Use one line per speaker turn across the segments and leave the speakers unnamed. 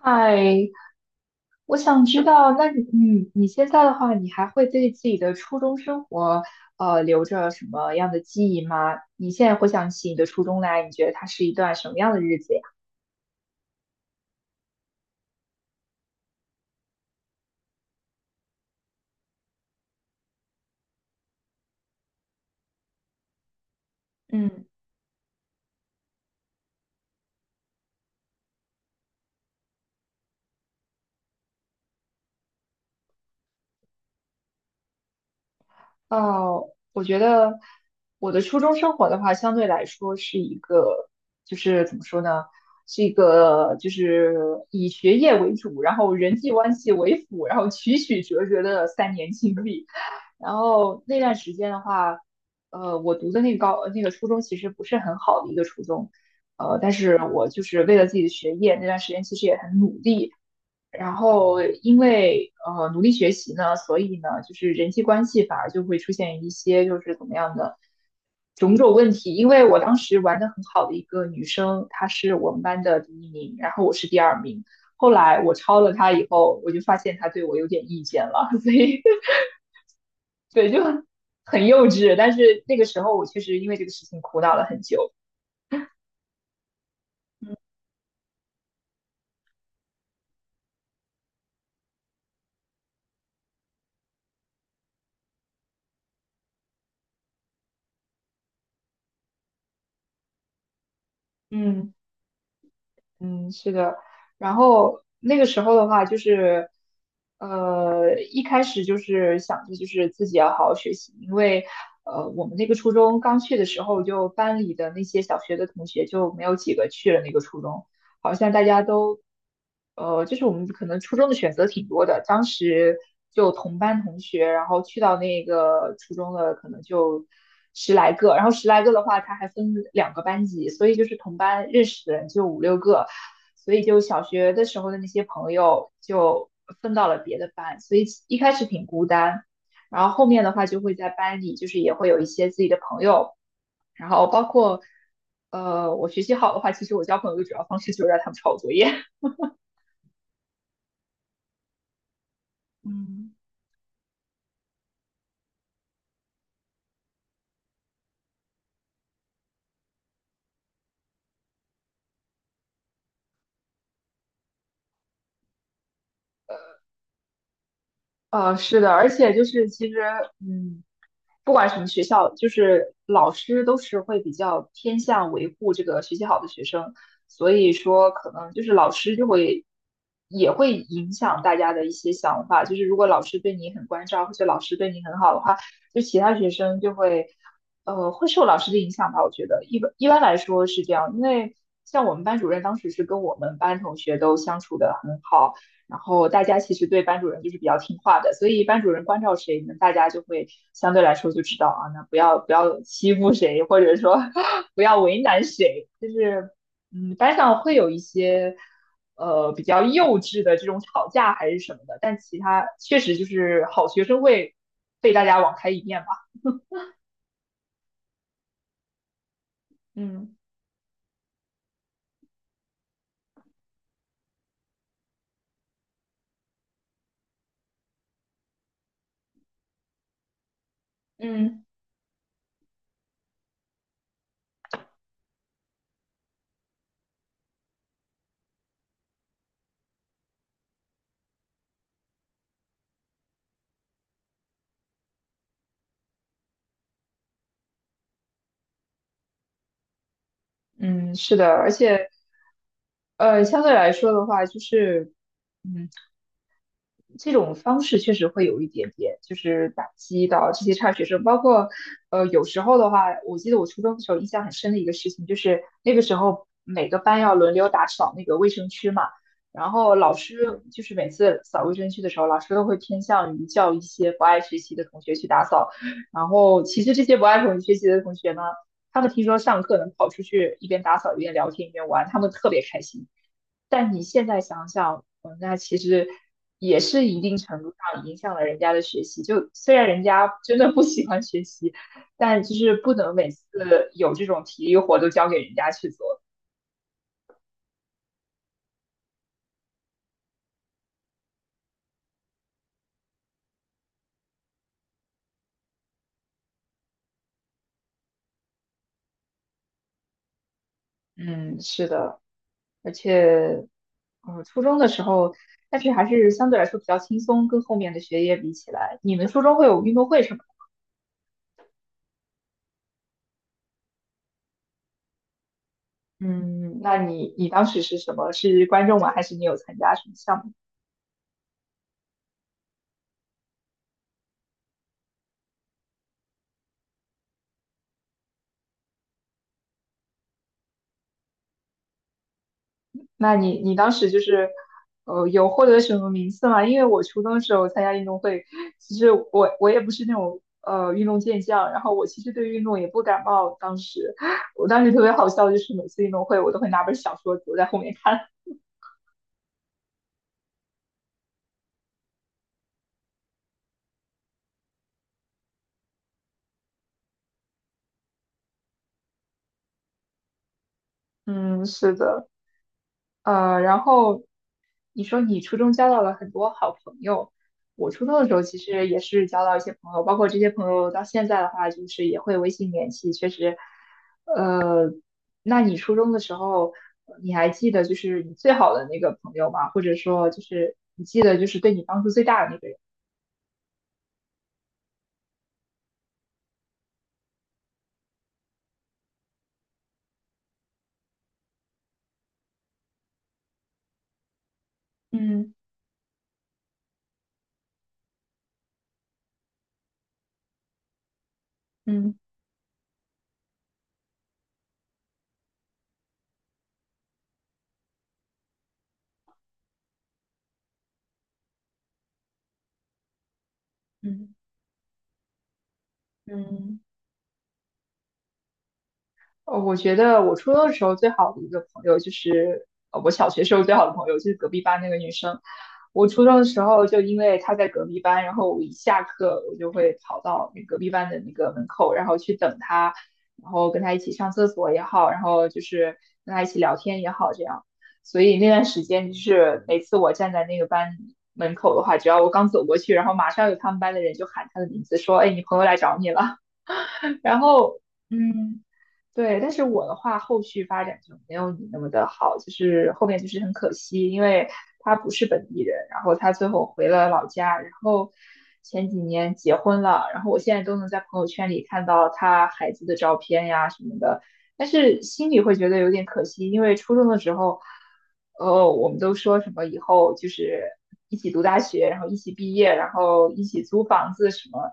嗨，我想知道，那你你现在的话，你还会对自己的初中生活，留着什么样的记忆吗？你现在回想起你的初中来，你觉得它是一段什么样的日子呀？嗯。哦，我觉得我的初中生活的话，相对来说是一个，就是怎么说呢，是一个就是以学业为主，然后人际关系为辅，然后曲曲折折的三年经历。然后那段时间的话，我读的那个那个初中其实不是很好的一个初中，但是我就是为了自己的学业，那段时间其实也很努力。然后因为努力学习呢，所以呢，就是人际关系反而就会出现一些就是怎么样的种种问题。因为我当时玩的很好的一个女生，她是我们班的第一名，然后我是第二名。后来我超了她以后，我就发现她对我有点意见了，所以。对，就很幼稚。但是那个时候，我确实因为这个事情苦恼了很久。嗯。嗯，是的。然后那个时候的话，就是一开始就是想着就是自己要好好学习，因为我们那个初中刚去的时候，就班里的那些小学的同学就没有几个去了那个初中。好像大家都，就是我们可能初中的选择挺多的，当时就同班同学，然后去到那个初中的可能就十来个，然后十来个的话，他还分两个班级，所以就是同班认识的人就五六个，所以就小学的时候的那些朋友就分到了别的班，所以一开始挺孤单，然后后面的话就会在班里，就是也会有一些自己的朋友。然后包括我学习好的话，其实我交朋友的主要方式就是让他们抄我作业。嗯。是的，而且就是其实，嗯，不管什么学校，就是老师都是会比较偏向维护这个学习好的学生，所以说可能就是老师就会也会影响大家的一些想法，就是如果老师对你很关照，或者老师对你很好的话，就其他学生就会会受老师的影响吧，我觉得一般来说是这样，因为像我们班主任当时是跟我们班同学都相处的很好。然后大家其实对班主任就是比较听话的，所以班主任关照谁，那大家就会相对来说就知道啊，那不要欺负谁，或者说 不要为难谁，就是嗯，班上会有一些比较幼稚的这种吵架还是什么的，但其他确实就是好学生会被大家网开一面吧。嗯。嗯。嗯，是的，而且相对来说的话，就是嗯。这种方式确实会有一点点，就是打击到这些差学生。包括，有时候的话，我记得我初中的时候印象很深的一个事情，就是那个时候每个班要轮流打扫那个卫生区嘛，然后老师就是每次扫卫生区的时候，老师都会偏向于叫一些不爱学习的同学去打扫。然后其实这些不爱同学习的同学呢，他们听说上课能跑出去一边打扫一边聊天一边玩，他们特别开心。但你现在想想，嗯，那其实也是一定程度上影响了人家的学习。就虽然人家真的不喜欢学习，但就是不能每次有这种体力活都交给人家去做。嗯，是的，而且，初中的时候，但是还是相对来说比较轻松，跟后面的学业比起来，你们初中会有运动会什么的。嗯，那你当时是什么？是观众吗？还是你有参加什么项目？那你当时就是，有获得什么名次吗？因为我初中的时候参加运动会，其实我也不是那种运动健将，然后我其实对运动也不感冒。当时我当时特别好笑，就是每次运动会我都会拿本小说躲在后面看。嗯，是的，然后你说你初中交到了很多好朋友，我初中的时候其实也是交到一些朋友，包括这些朋友到现在的话，就是也会微信联系，确实。那你初中的时候，你还记得就是你最好的那个朋友吗？或者说就是你记得就是对你帮助最大的那个人？嗯。嗯。嗯嗯，我觉得我初中的时候最好的一个朋友就是，我小学时候最好的朋友就是隔壁班那个女生。我初中的时候就因为她在隔壁班，然后我一下课我就会跑到那隔壁班的那个门口，然后去等她，然后跟她一起上厕所也好，然后就是跟她一起聊天也好，这样。所以那段时间就是每次我站在那个班门口的话，只要我刚走过去，然后马上有他们班的人就喊她的名字，说：“哎，你朋友来找你了。”然后，嗯，对，但是我的话，后续发展就没有你那么的好，就是后面就是很可惜，因为他不是本地人，然后他最后回了老家，然后前几年结婚了，然后我现在都能在朋友圈里看到他孩子的照片呀什么的，但是心里会觉得有点可惜，因为初中的时候，我们都说什么以后就是一起读大学，然后一起毕业，然后一起租房子什么，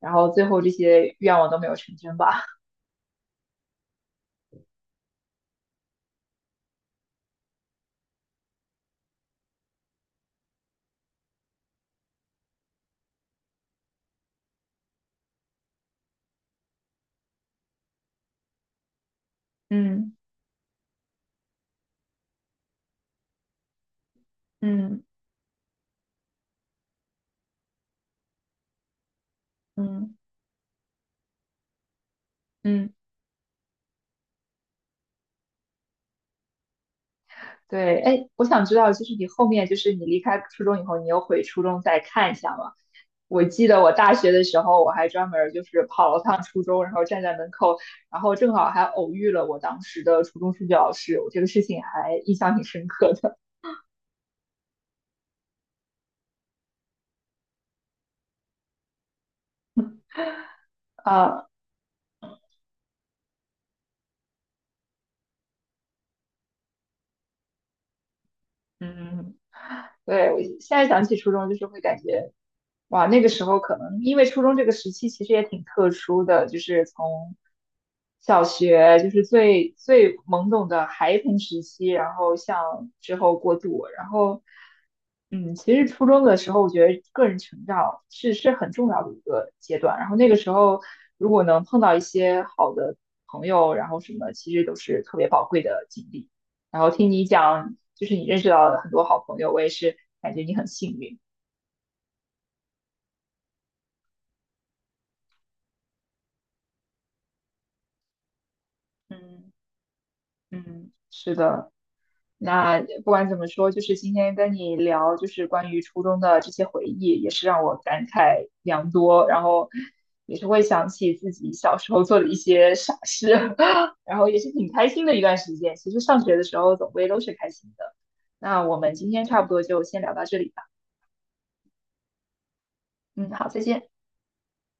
然后最后这些愿望都没有成真吧。嗯嗯嗯。嗯。对，哎，我想知道，就是你后面，就是你离开初中以后，你又回初中再看一下吗？我记得我大学的时候，我还专门儿就是跑了趟初中，然后站在门口，然后正好还偶遇了我当时的初中数学老师，我这个事情还印象挺深刻的。啊。嗯。对，我现在想起初中，就是会感觉哇，那个时候可能因为初中这个时期其实也挺特殊的，就是从小学就是最懵懂的孩童时期，然后向之后过渡，然后嗯，其实初中的时候，我觉得个人成长是很重要的一个阶段，然后那个时候如果能碰到一些好的朋友，然后什么，其实都是特别宝贵的经历。然后听你讲，就是你认识到了很多好朋友，我也是感觉你很幸运，嗯。嗯，是的。那不管怎么说，就是今天跟你聊，就是关于初中的这些回忆，也是让我感慨良多，然后也是会想起自己小时候做的一些傻事，然后也是挺开心的一段时间。其实上学的时候总归都是开心的。那我们今天差不多就先聊到这里吧。嗯，好，再见。